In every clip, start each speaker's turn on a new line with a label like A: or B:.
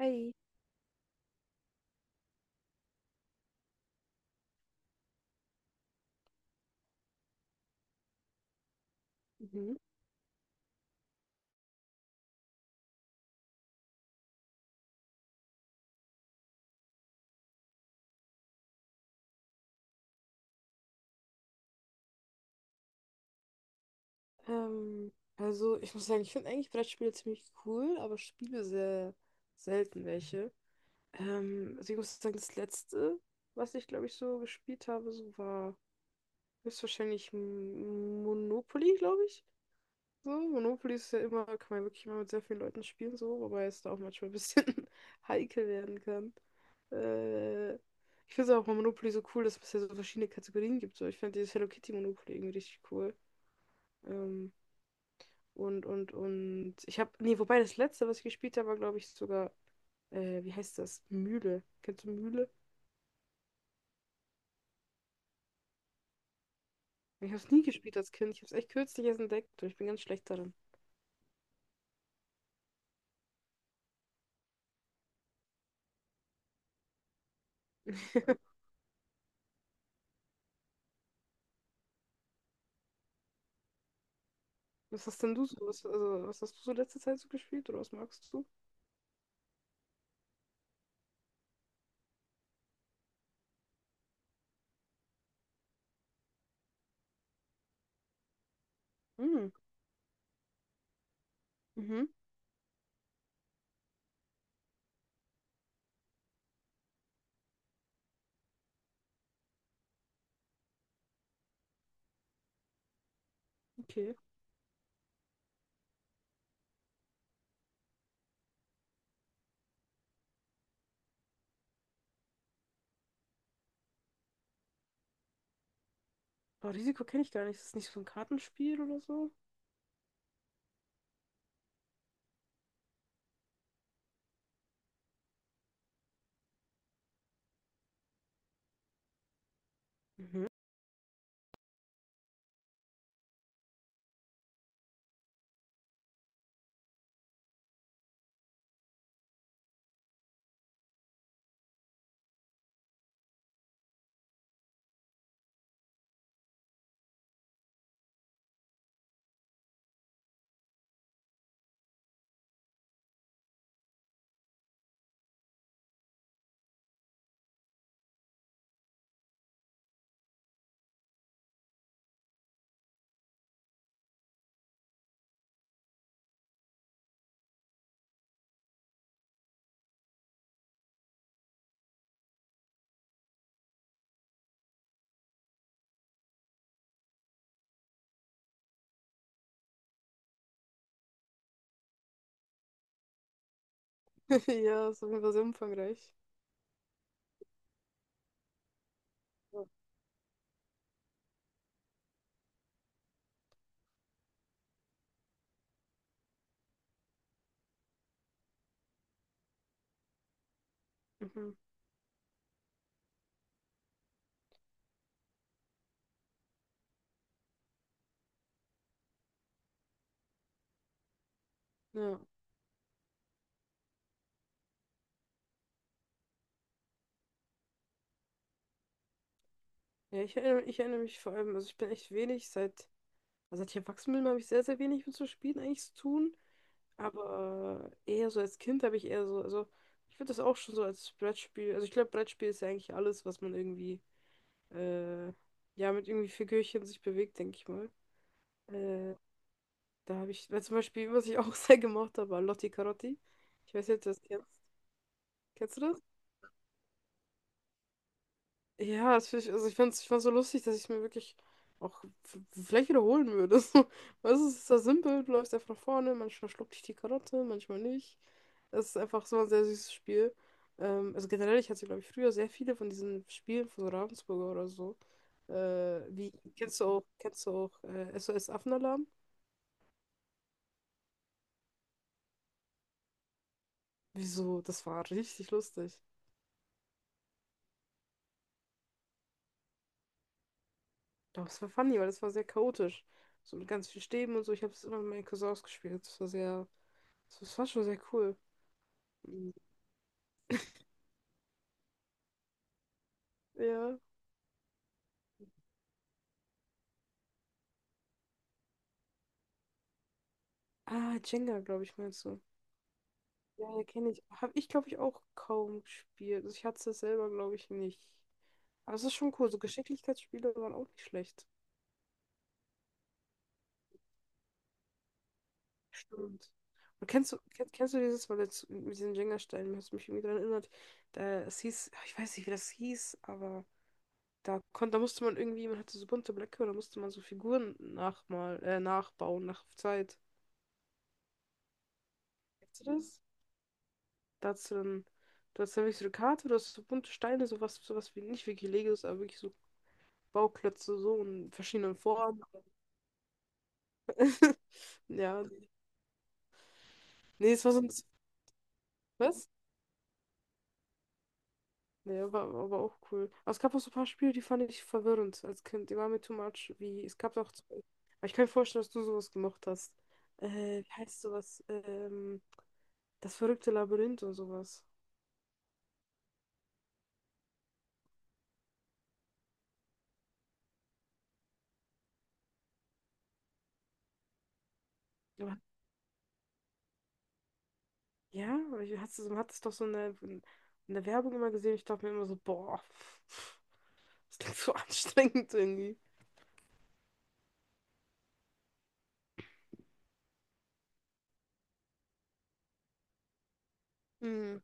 A: Hi. Mhm. Also ich muss sagen, ich finde eigentlich Brettspiele ziemlich cool, aber spiele sehr selten welche. Also ich muss sagen, das letzte, was ich glaube ich so gespielt habe, so war höchstwahrscheinlich Monopoly, glaube ich. So, Monopoly ist ja immer, kann man ja wirklich immer mit sehr vielen Leuten spielen, so, wobei es da auch manchmal ein bisschen heikel werden kann. Äh, Ich finde es auch bei Monopoly so cool, dass es ja so verschiedene Kategorien gibt. So, ich finde dieses Hello Kitty Monopoly irgendwie richtig cool. Ähm, und. Ich habe. Nee, wobei das letzte, was ich gespielt habe, war, glaube ich, sogar. Wie heißt das? Mühle. Kennst du Mühle? Ich habe es nie gespielt als Kind. Ich habe es echt kürzlich erst entdeckt und ich bin ganz schlecht darin. Was hast denn du so? Was, also, was hast du so letzte Zeit so gespielt oder was magst du? Hm. Mhm. Okay. Aber Risiko kenne ich gar nicht. Ist das nicht so ein Kartenspiel oder so? Mhm. Ja, ist auf jeden Fall sehr umfangreich. Ja. Mhm. Ja. Ja, ich erinnere mich vor allem, also ich bin echt wenig seit. Also als ich erwachsen bin, habe ich sehr, sehr wenig mit so Spielen eigentlich zu tun. Aber eher so als Kind habe ich eher so, also ich finde das auch schon so als Brettspiel, also ich glaube, Brettspiel ist ja eigentlich alles, was man irgendwie, äh, ja, mit irgendwie Figürchen sich bewegt, denke ich mal. Äh, Da habe ich, weil zum Beispiel, was ich auch sehr gemocht habe, war Lotti Carotti. Ich weiß nicht, ob du das kennst. Kennst du das? Ja, das find ich, also ich fand's so lustig, dass ich es mir wirklich auch vielleicht wiederholen würde. So, weißt du, es ist so simpel, du läufst einfach nach vorne, manchmal schluckt dich die Karotte, manchmal nicht. Es ist einfach so ein sehr süßes Spiel. Also generell, ich hatte, glaube ich, früher sehr viele von diesen Spielen von so Ravensburger oder so. Äh, Wie, kennst du auch SOS Affenalarm? Wieso? Das war richtig lustig. Doch, es war funny, weil es war sehr chaotisch. So mit ganz vielen Stäben und so. Ich habe es immer mit meinen Cousins gespielt. Das war sehr, das war schon sehr cool. Mhm. Ja. Ah, Jenga, glaube ich, meinst du. Ja, ja, kenne ich. Habe ich, glaube ich, auch kaum gespielt. Also ich hatte es selber, glaube ich, nicht. Aber es ist schon cool. So Geschicklichkeitsspiele waren auch nicht schlecht. Stimmt. Und kennst du dieses, weil jetzt mit diesen Jenga-Steinen, hast du mich irgendwie daran erinnert, da, es hieß, ich weiß nicht, wie das hieß, aber da konnte, da musste man irgendwie, man hatte so bunte Blöcke und da musste man so Figuren nachmal, nachbauen, nach Zeit. Kennst du das? Da hast du dann, du hast dann wirklich so eine Karte, du hast so bunte Steine, sowas, sowas wie nicht wirklich Legos, aber wirklich so Bauklötze so in verschiedenen Formen. Ja. Nee, es war so ein. Was? Nee, war, war aber auch cool. Aber es gab auch so ein paar Spiele, die fand ich verwirrend als Kind. Die waren mir too much. Wie, es gab auch. Aber ich kann mir vorstellen, dass du sowas gemacht hast. Wie heißt sowas? Das verrückte Labyrinth und sowas. Aber, ja, aber ich hatte, man hat es doch so in der Werbung immer gesehen. Ich dachte mir immer so, boah. Das klingt so anstrengend irgendwie. Mhm.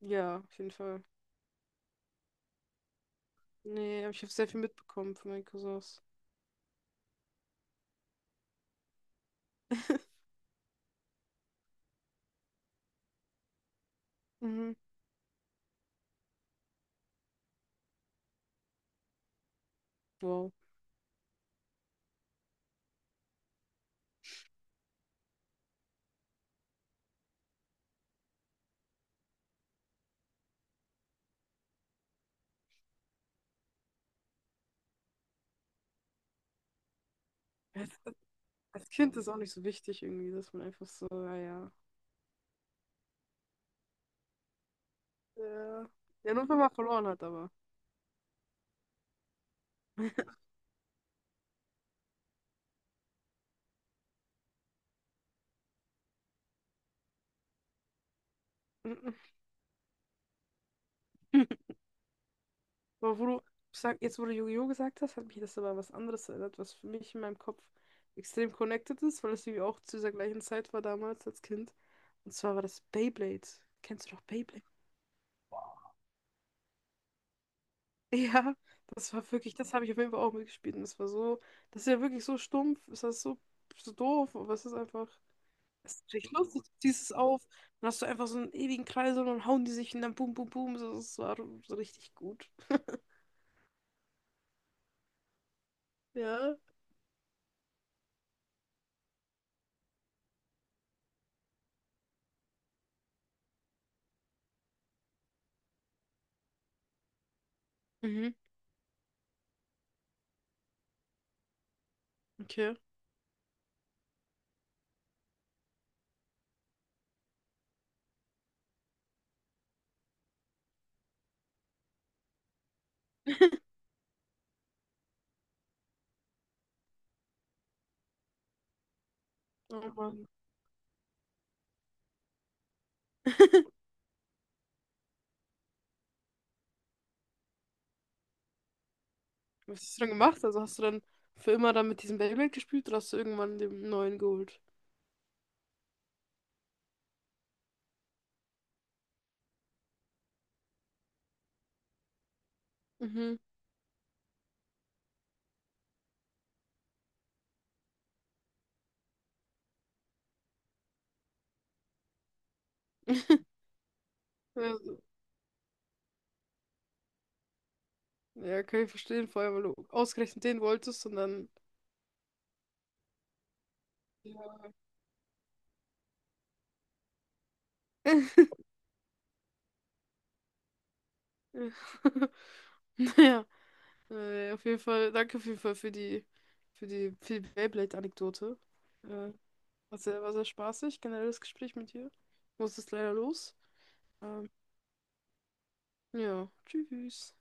A: Ja, auf jeden Fall. Nee, aber ich habe sehr viel mitbekommen von meinen Cousins. Mhm. Wow. Als, als Kind ist auch nicht so wichtig irgendwie, dass man einfach so, naja. Ja. Ja, nur wenn man verloren hat, aber. Mhm. Aber wo du, sag, jetzt wo du Yu-Gi-Oh! Gesagt hast, hat mich das aber an was anderes erinnert, was für mich in meinem Kopf extrem connected ist, weil es irgendwie auch zu dieser gleichen Zeit war damals als Kind. Und zwar war das Beyblade. Kennst du doch Beyblade? Ja, das war wirklich, das habe ich auf jeden Fall auch mitgespielt. Und das war so, das ist ja wirklich so stumpf, ist das so, so doof, aber es ist einfach, es ist richtig lustig, du ziehst es auf, dann hast du einfach so einen ewigen Kreis und dann hauen die sich und dann boom, boom, boom, so, das war so richtig gut. Ja. Mhm, okay. Oh Mann. Was hast du dann gemacht? Also hast du dann für immer dann mit diesem Beyblade gespielt oder hast du irgendwann den neuen geholt? Mhm. Also, ja, kann ich verstehen, vor allem, weil du ausgerechnet den wolltest und dann. Ja. Ja. Naja, auf jeden Fall, danke auf jeden Fall für die, für die, für die Beyblade-Anekdote. Äh, War sehr, war sehr spaßig, generelles Gespräch mit dir. Ich muss jetzt leider los. Ähm, ja, tschüss.